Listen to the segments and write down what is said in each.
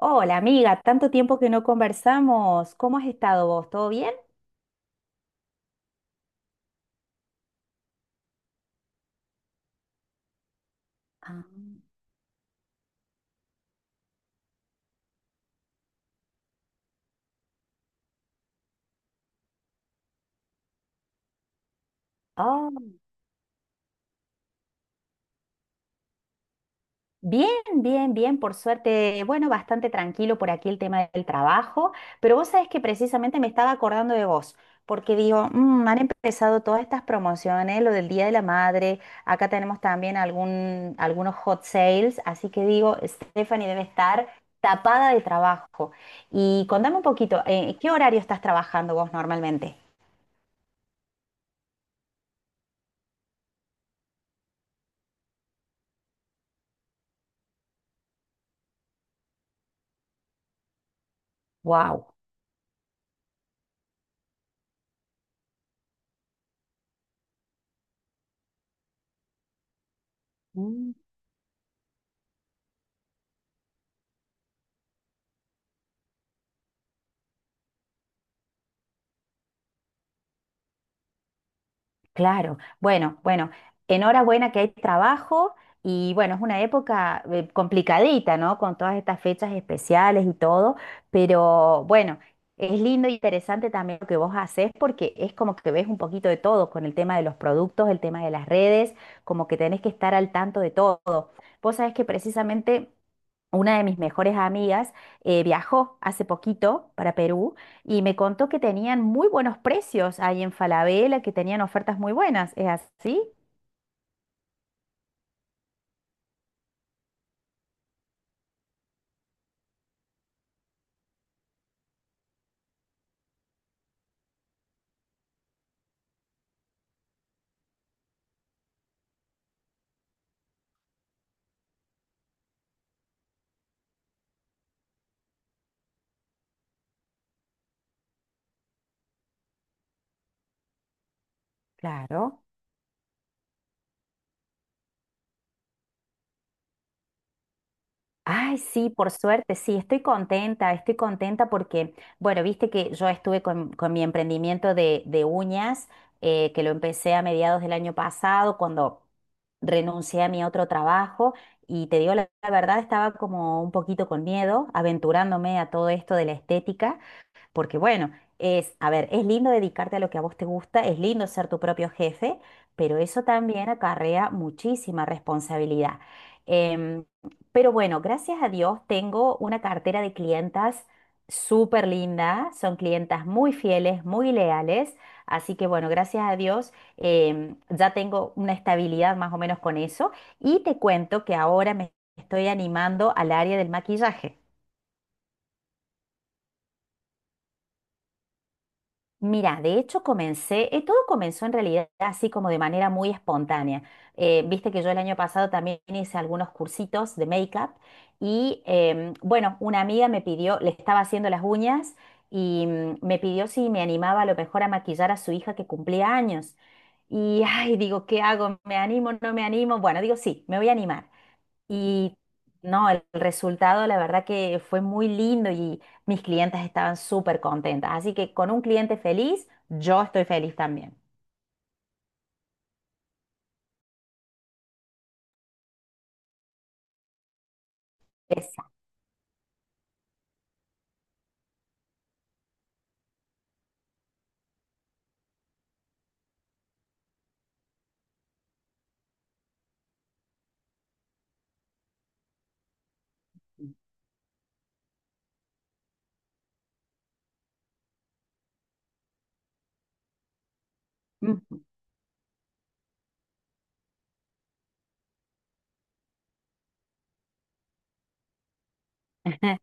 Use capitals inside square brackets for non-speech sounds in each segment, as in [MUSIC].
Hola amiga, tanto tiempo que no conversamos. ¿Cómo has estado vos? ¿Todo bien? Ah, oh, bien, bien, por suerte. Bueno, bastante tranquilo por aquí el tema del trabajo, pero vos sabés que precisamente me estaba acordando de vos, porque digo, "Mm, han empezado todas estas promociones, lo del Día de la Madre, acá tenemos también algunos hot sales, así que digo, Stephanie debe estar tapada de trabajo. Y contame un poquito, ¿qué horario estás trabajando vos normalmente? Wow. Claro, bueno, enhorabuena que hay trabajo y bueno, es una época complicadita, ¿no? Con todas estas fechas especiales y todo, pero bueno, es lindo e interesante también lo que vos haces porque es como que ves un poquito de todo con el tema de los productos, el tema de las redes, como que tenés que estar al tanto de todo. Vos sabés que precisamente una de mis mejores amigas viajó hace poquito para Perú y me contó que tenían muy buenos precios ahí en Falabella, que tenían ofertas muy buenas. ¿Es así? Claro. Ay, sí, por suerte, sí, estoy contenta porque, bueno, viste que yo estuve con mi emprendimiento de uñas, que lo empecé a mediados del año pasado, cuando renuncié a mi otro trabajo, y te digo la verdad, estaba como un poquito con miedo, aventurándome a todo esto de la estética. Porque bueno, es, a ver, es lindo dedicarte a lo que a vos te gusta, es lindo ser tu propio jefe, pero eso también acarrea muchísima responsabilidad. Em, pero bueno, gracias a Dios tengo una cartera de clientas súper linda, son clientas muy fieles, muy leales, así que bueno, gracias a Dios ya tengo una estabilidad más o menos con eso y te cuento que ahora me estoy animando al área del maquillaje. Mira, de hecho comencé, todo comenzó en realidad así como de manera muy espontánea. Viste que yo el año pasado también hice algunos cursitos de make-up y bueno, una amiga me pidió, le estaba haciendo las uñas y me pidió si me animaba a lo mejor a maquillar a su hija que cumplía años. Y ay, digo, ¿qué hago? ¿Me animo? ¿No me animo? Bueno, digo, sí, me voy a animar. Y no, el resultado la verdad que fue muy lindo y mis clientes estaban súper contentas. Así que con un cliente feliz, yo estoy feliz también. Exacto. Ujú. [LAUGHS]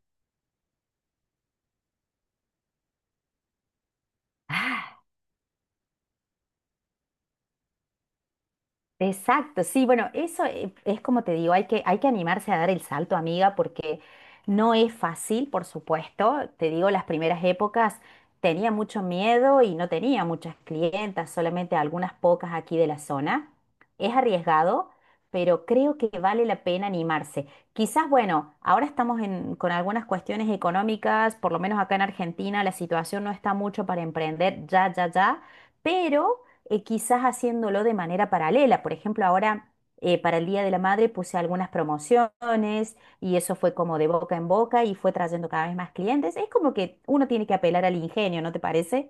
Exacto, sí, bueno, eso es como te digo, hay que animarse a dar el salto, amiga, porque no es fácil, por supuesto. Te digo, las primeras épocas tenía mucho miedo y no tenía muchas clientas, solamente algunas pocas aquí de la zona. Es arriesgado, pero creo que vale la pena animarse. Quizás, bueno, ahora con algunas cuestiones económicas, por lo menos acá en Argentina la situación no está mucho para emprender ya, ya, ya, pero quizás haciéndolo de manera paralela. Por ejemplo, ahora para el Día de la Madre puse algunas promociones y eso fue como de boca en boca y fue trayendo cada vez más clientes. Es como que uno tiene que apelar al ingenio, ¿no te parece?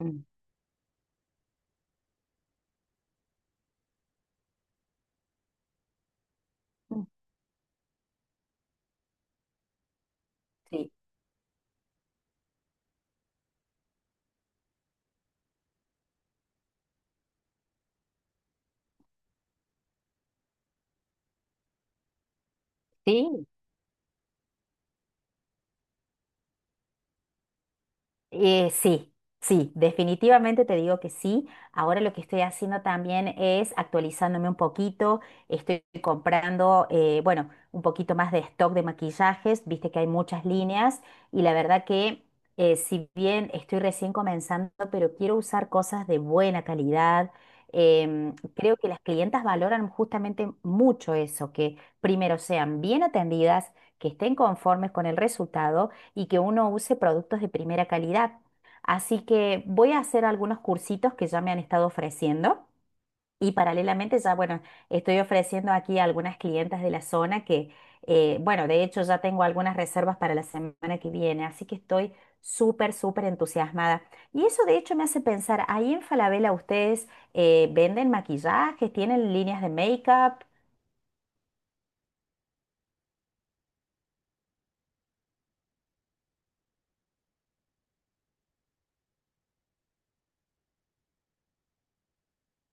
Mm. Mm. Sí, sí. Sí, sí, definitivamente te digo que sí. Ahora lo que estoy haciendo también es actualizándome un poquito. Estoy comprando, bueno, un poquito más de stock de maquillajes. Viste que hay muchas líneas y la verdad que si bien estoy recién comenzando, pero quiero usar cosas de buena calidad. Creo que las clientas valoran justamente mucho eso, que primero sean bien atendidas, que estén conformes con el resultado y que uno use productos de primera calidad. Así que voy a hacer algunos cursitos que ya me han estado ofreciendo y paralelamente ya, bueno, estoy ofreciendo aquí a algunas clientas de la zona que, bueno, de hecho ya tengo algunas reservas para la semana que viene, así que estoy súper, súper entusiasmada. Y eso de hecho me hace pensar, ahí en Falabella ustedes venden maquillajes, tienen líneas de make-up.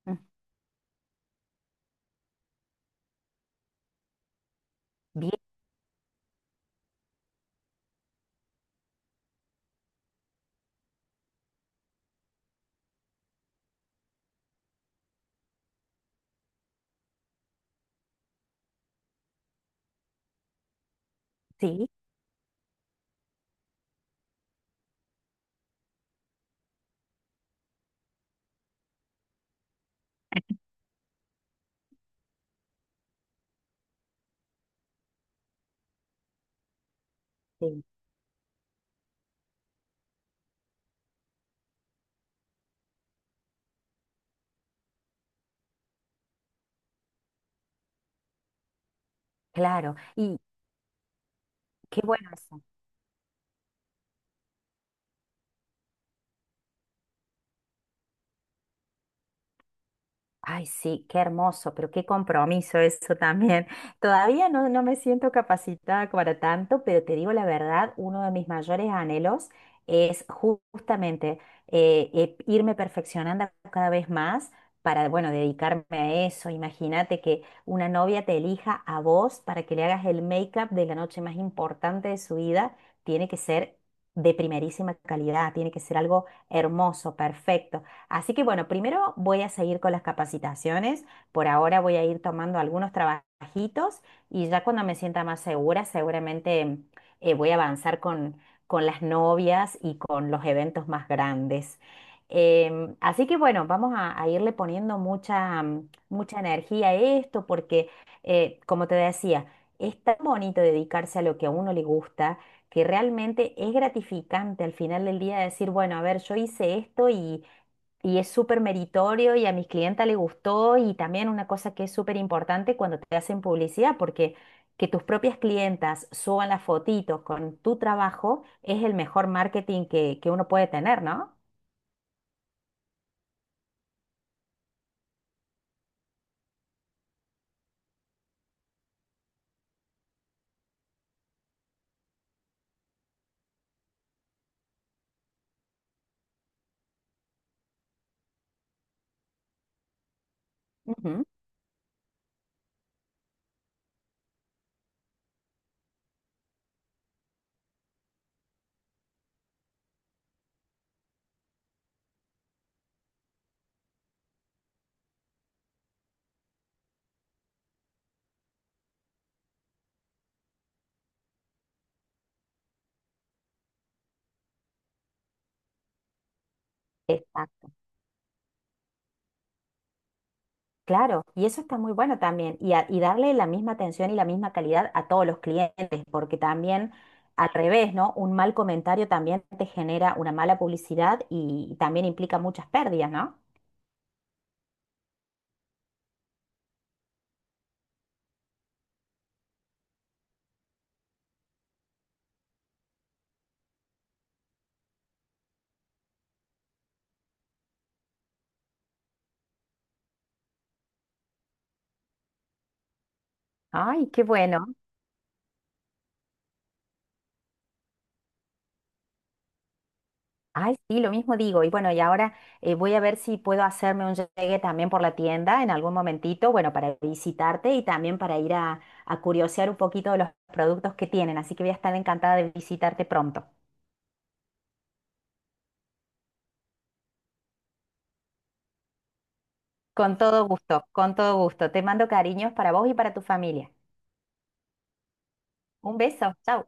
Mm. Bien, sí, sí, claro. Y qué bueno eso. Ay, sí, qué hermoso, pero qué compromiso eso también. [LAUGHS] Todavía no, no me siento capacitada para tanto, pero te digo la verdad, uno de mis mayores anhelos es justamente irme perfeccionando cada vez más para, bueno, dedicarme a eso. Imagínate que una novia te elija a vos para que le hagas el make-up de la noche más importante de su vida, tiene que ser de primerísima calidad, tiene que ser algo hermoso, perfecto. Así que bueno, primero voy a seguir con las capacitaciones. Por ahora voy a ir tomando algunos trabajitos y ya cuando me sienta más segura, seguramente voy a avanzar con las novias y con los eventos más grandes. Así que bueno, vamos a irle poniendo mucha, mucha energía a esto porque, como te decía, es tan bonito dedicarse a lo que a uno le gusta que realmente es gratificante al final del día decir, bueno, a ver, yo hice esto y es súper meritorio y a mis clientas le gustó y también una cosa que es súper importante cuando te hacen publicidad, porque que tus propias clientas suban las fotitos con tu trabajo es el mejor marketing que uno puede tener, ¿no? Ujú. Está claro, y eso está muy bueno también, y darle la misma atención y la misma calidad a todos los clientes, porque también al revés, ¿no? Un mal comentario también te genera una mala publicidad también implica muchas pérdidas, ¿no? Ay, qué bueno. Ay, sí, lo mismo digo. Y bueno, y ahora voy a ver si puedo hacerme un llegue también por la tienda en algún momentito, bueno, para visitarte y también para ir a curiosear un poquito de los productos que tienen. Así que voy a estar encantada de visitarte pronto. Con todo gusto, con todo gusto. Te mando cariños para vos y para tu familia. Un beso, chao.